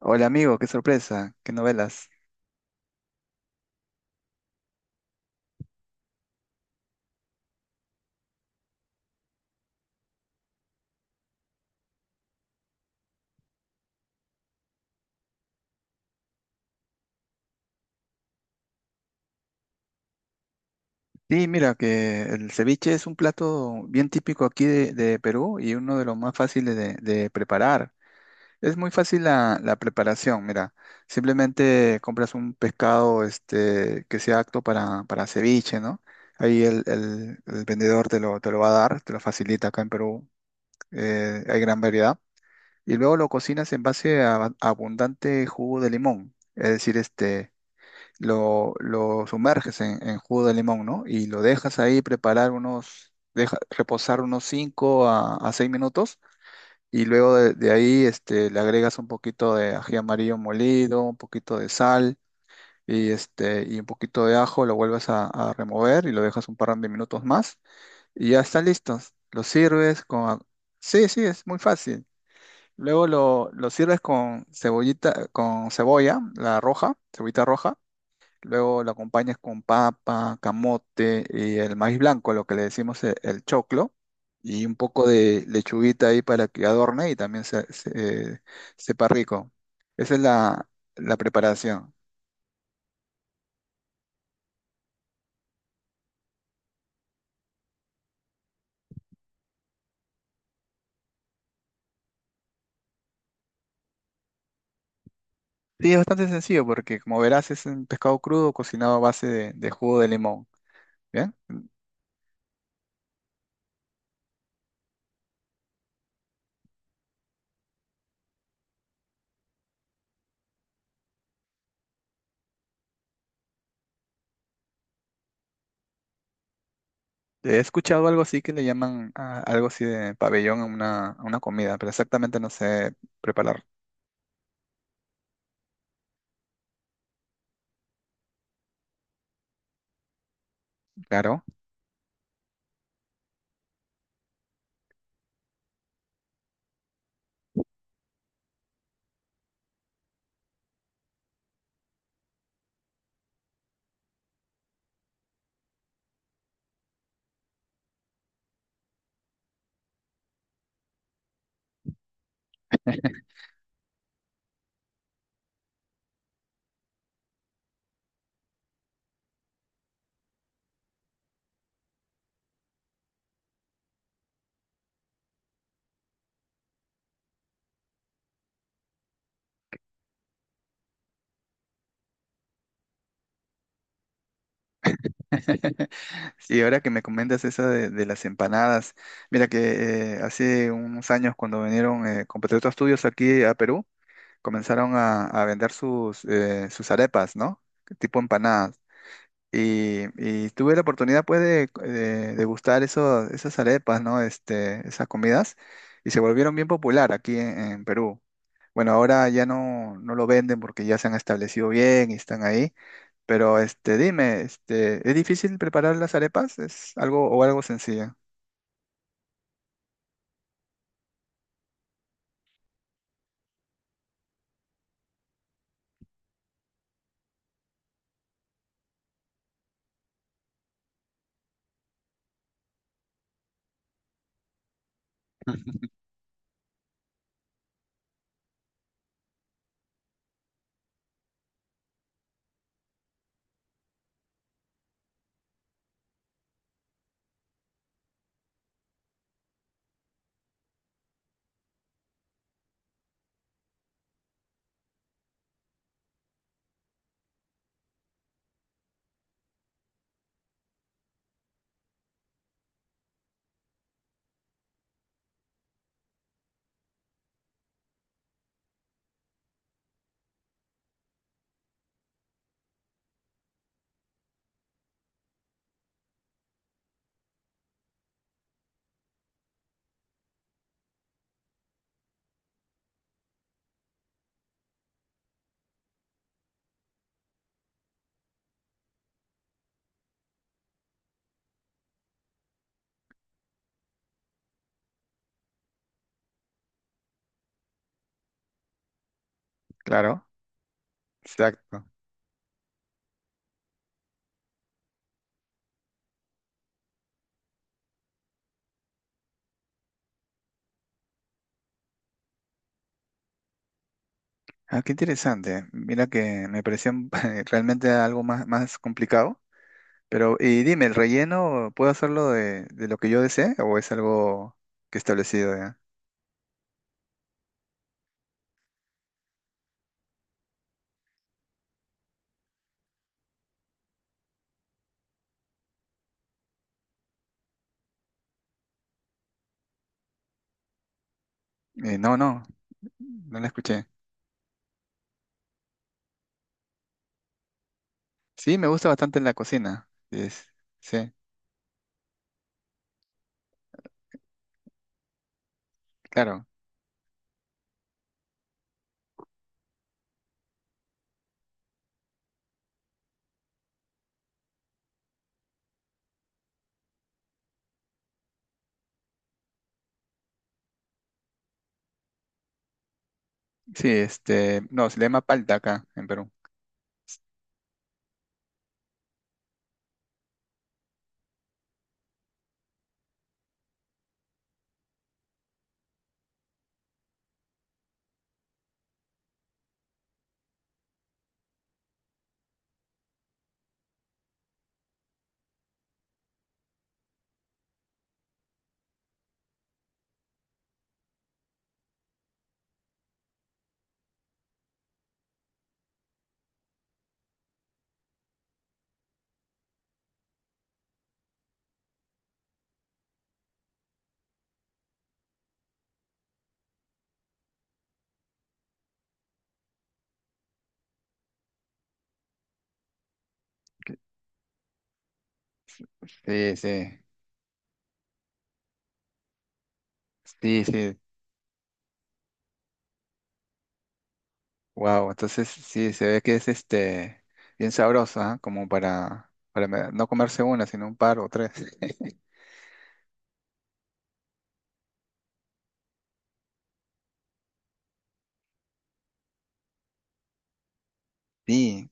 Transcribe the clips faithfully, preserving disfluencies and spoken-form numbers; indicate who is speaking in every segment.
Speaker 1: Hola amigo, qué sorpresa, qué novelas. Sí, mira que el ceviche es un plato bien típico aquí de, de Perú y uno de los más fáciles de, de preparar. Es muy fácil la, la preparación, mira. Simplemente compras un pescado este, que sea apto para, para ceviche, ¿no? Ahí el, el- el vendedor te lo, te lo va a dar, te lo facilita acá en Perú. Eh, hay gran variedad. Y luego lo cocinas en base a abundante jugo de limón. Es decir, este lo, lo sumerges en, en jugo de limón, ¿no? Y lo dejas ahí preparar unos, deja, reposar unos cinco a, a seis minutos y luego de, de ahí este, le agregas un poquito de ají amarillo molido, un poquito de sal y, este, y un poquito de ajo, lo vuelves a, a remover y lo dejas un par de minutos más y ya está listo. Lo sirves con... a- Sí, sí, es muy fácil. Luego lo, lo sirves con cebollita, con cebolla, la roja, cebollita roja. Luego lo acompañas con papa, camote y el maíz blanco, lo que le decimos e- el, choclo, y un poco de lechuguita ahí para que adorne y también se, se- eh, sepa rico. Esa es la, la preparación. Sí, es bastante sencillo porque como verás es un pescado crudo cocinado a base de, de jugo de limón. ¿Bien? He escuchado algo así que le llaman a- algo así de pabellón a una, a una comida, pero exactamente no sé preparar. Claro. Sí, ahora que me comentas esa de, de las empanadas, mira que eh, hace unos años cuando vinieron eh, compatriotas tuyos aquí a Perú, comenzaron a, a vender sus, eh, sus arepas, ¿no? Tipo empanadas. Y, y tuve la oportunidad pues de, de degustar eso, esas arepas, ¿no? Este, esas comidas y se volvieron bien popular aquí en, en Perú. Bueno, ahora ya no, no lo venden porque ya se han establecido bien y están ahí, pero este, dime, este, ¿es difícil preparar las arepas? ¿Es algo o algo sencillo? Claro, exacto. Ah, qué interesante. Mira que me pareció realmente algo más, más complicado. Pero, y dime, ¿el relleno puedo hacerlo de, de lo que yo desee o es algo que establecido ya? Eh, no, no, no la escuché. Sí, me gusta bastante en la cocina. Sí. Es- sí, claro. Sí, este, no, se le llama palta acá en Perú. Sí, sí. Sí, sí. Wow, entonces sí, se ve que es este bien sabrosa, ¿ah? Como para, para me- no comerse una, sino un par o tres. Sí,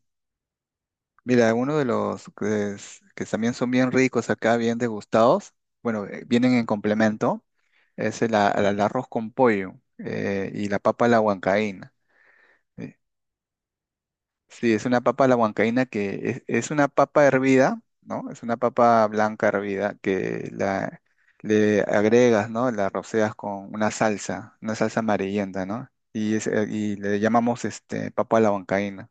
Speaker 1: mira, uno de los que, es- que también son bien ricos acá, bien degustados, bueno, eh, vienen en complemento, es el, a- el arroz con pollo eh, y la papa a la huancaína. Sí, es una papa a la huancaína que es, es una papa hervida, ¿no? Es una papa blanca hervida que la, le agregas, ¿no? La roceas con una salsa, una salsa amarillenta, ¿no? Y, es, eh, y le llamamos este, papa a la huancaína.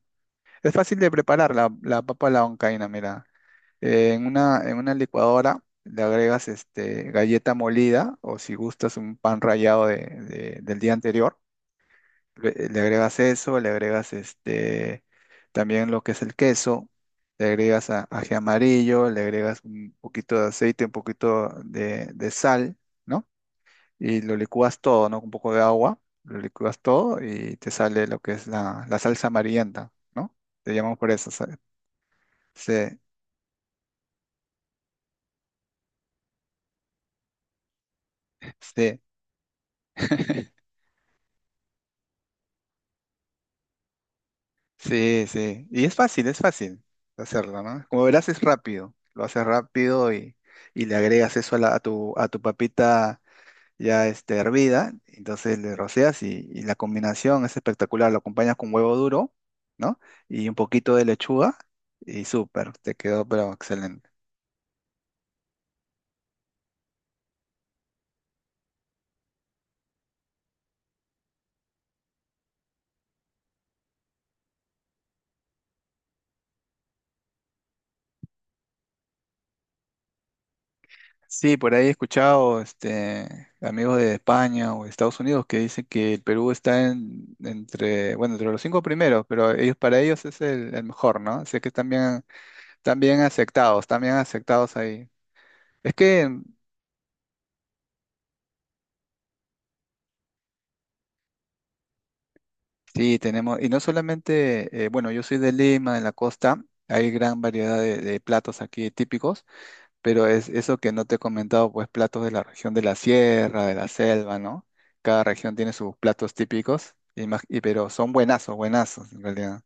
Speaker 1: Es fácil de preparar la, la papa a la huancaína, mira. Eh, en una, en una licuadora le agregas este, galleta molida o si gustas un pan rallado de- de- del día anterior. Le le agregas eso, le agregas este, también lo que es el queso, le agregas a- ají amarillo, le agregas un poquito de aceite, un poquito de, de sal, ¿no? Y lo licúas todo, ¿no? Con un poco de agua, lo licúas todo y te sale lo que es la, la salsa amarillenta, ¿no? Te llamamos por eso. sa- Sí, sí. Sí, sí. Y es fácil, es fácil hacerlo, ¿no? Como verás, es rápido. Lo haces rápido y, y le agregas eso a, la- a tu, a tu papita ya este, hervida, entonces le roceas y, y la combinación es espectacular, lo acompañas con huevo duro, ¿no? Y un poquito de lechuga y súper, te quedó pero excelente. Sí, por ahí he escuchado este, amigos de España o de Estados Unidos que dicen que el Perú está en, entre, bueno, entre los cinco primeros, pero ellos, para ellos es el, el mejor, ¿no? Así que están bien, están bien aceptados, están bien aceptados ahí. Es que sí, tenemos, y no solamente, eh, bueno, yo soy de Lima, en la costa, hay gran variedad de, de platos aquí típicos, pero es eso que no te he comentado, pues platos de la región de la sierra, de la selva, ¿no? Cada región tiene sus platos típicos, y, más- y- pero son buenazos, buenazos en realidad.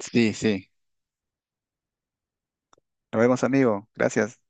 Speaker 1: Sí, sí. Nos vemos, amigo. Gracias.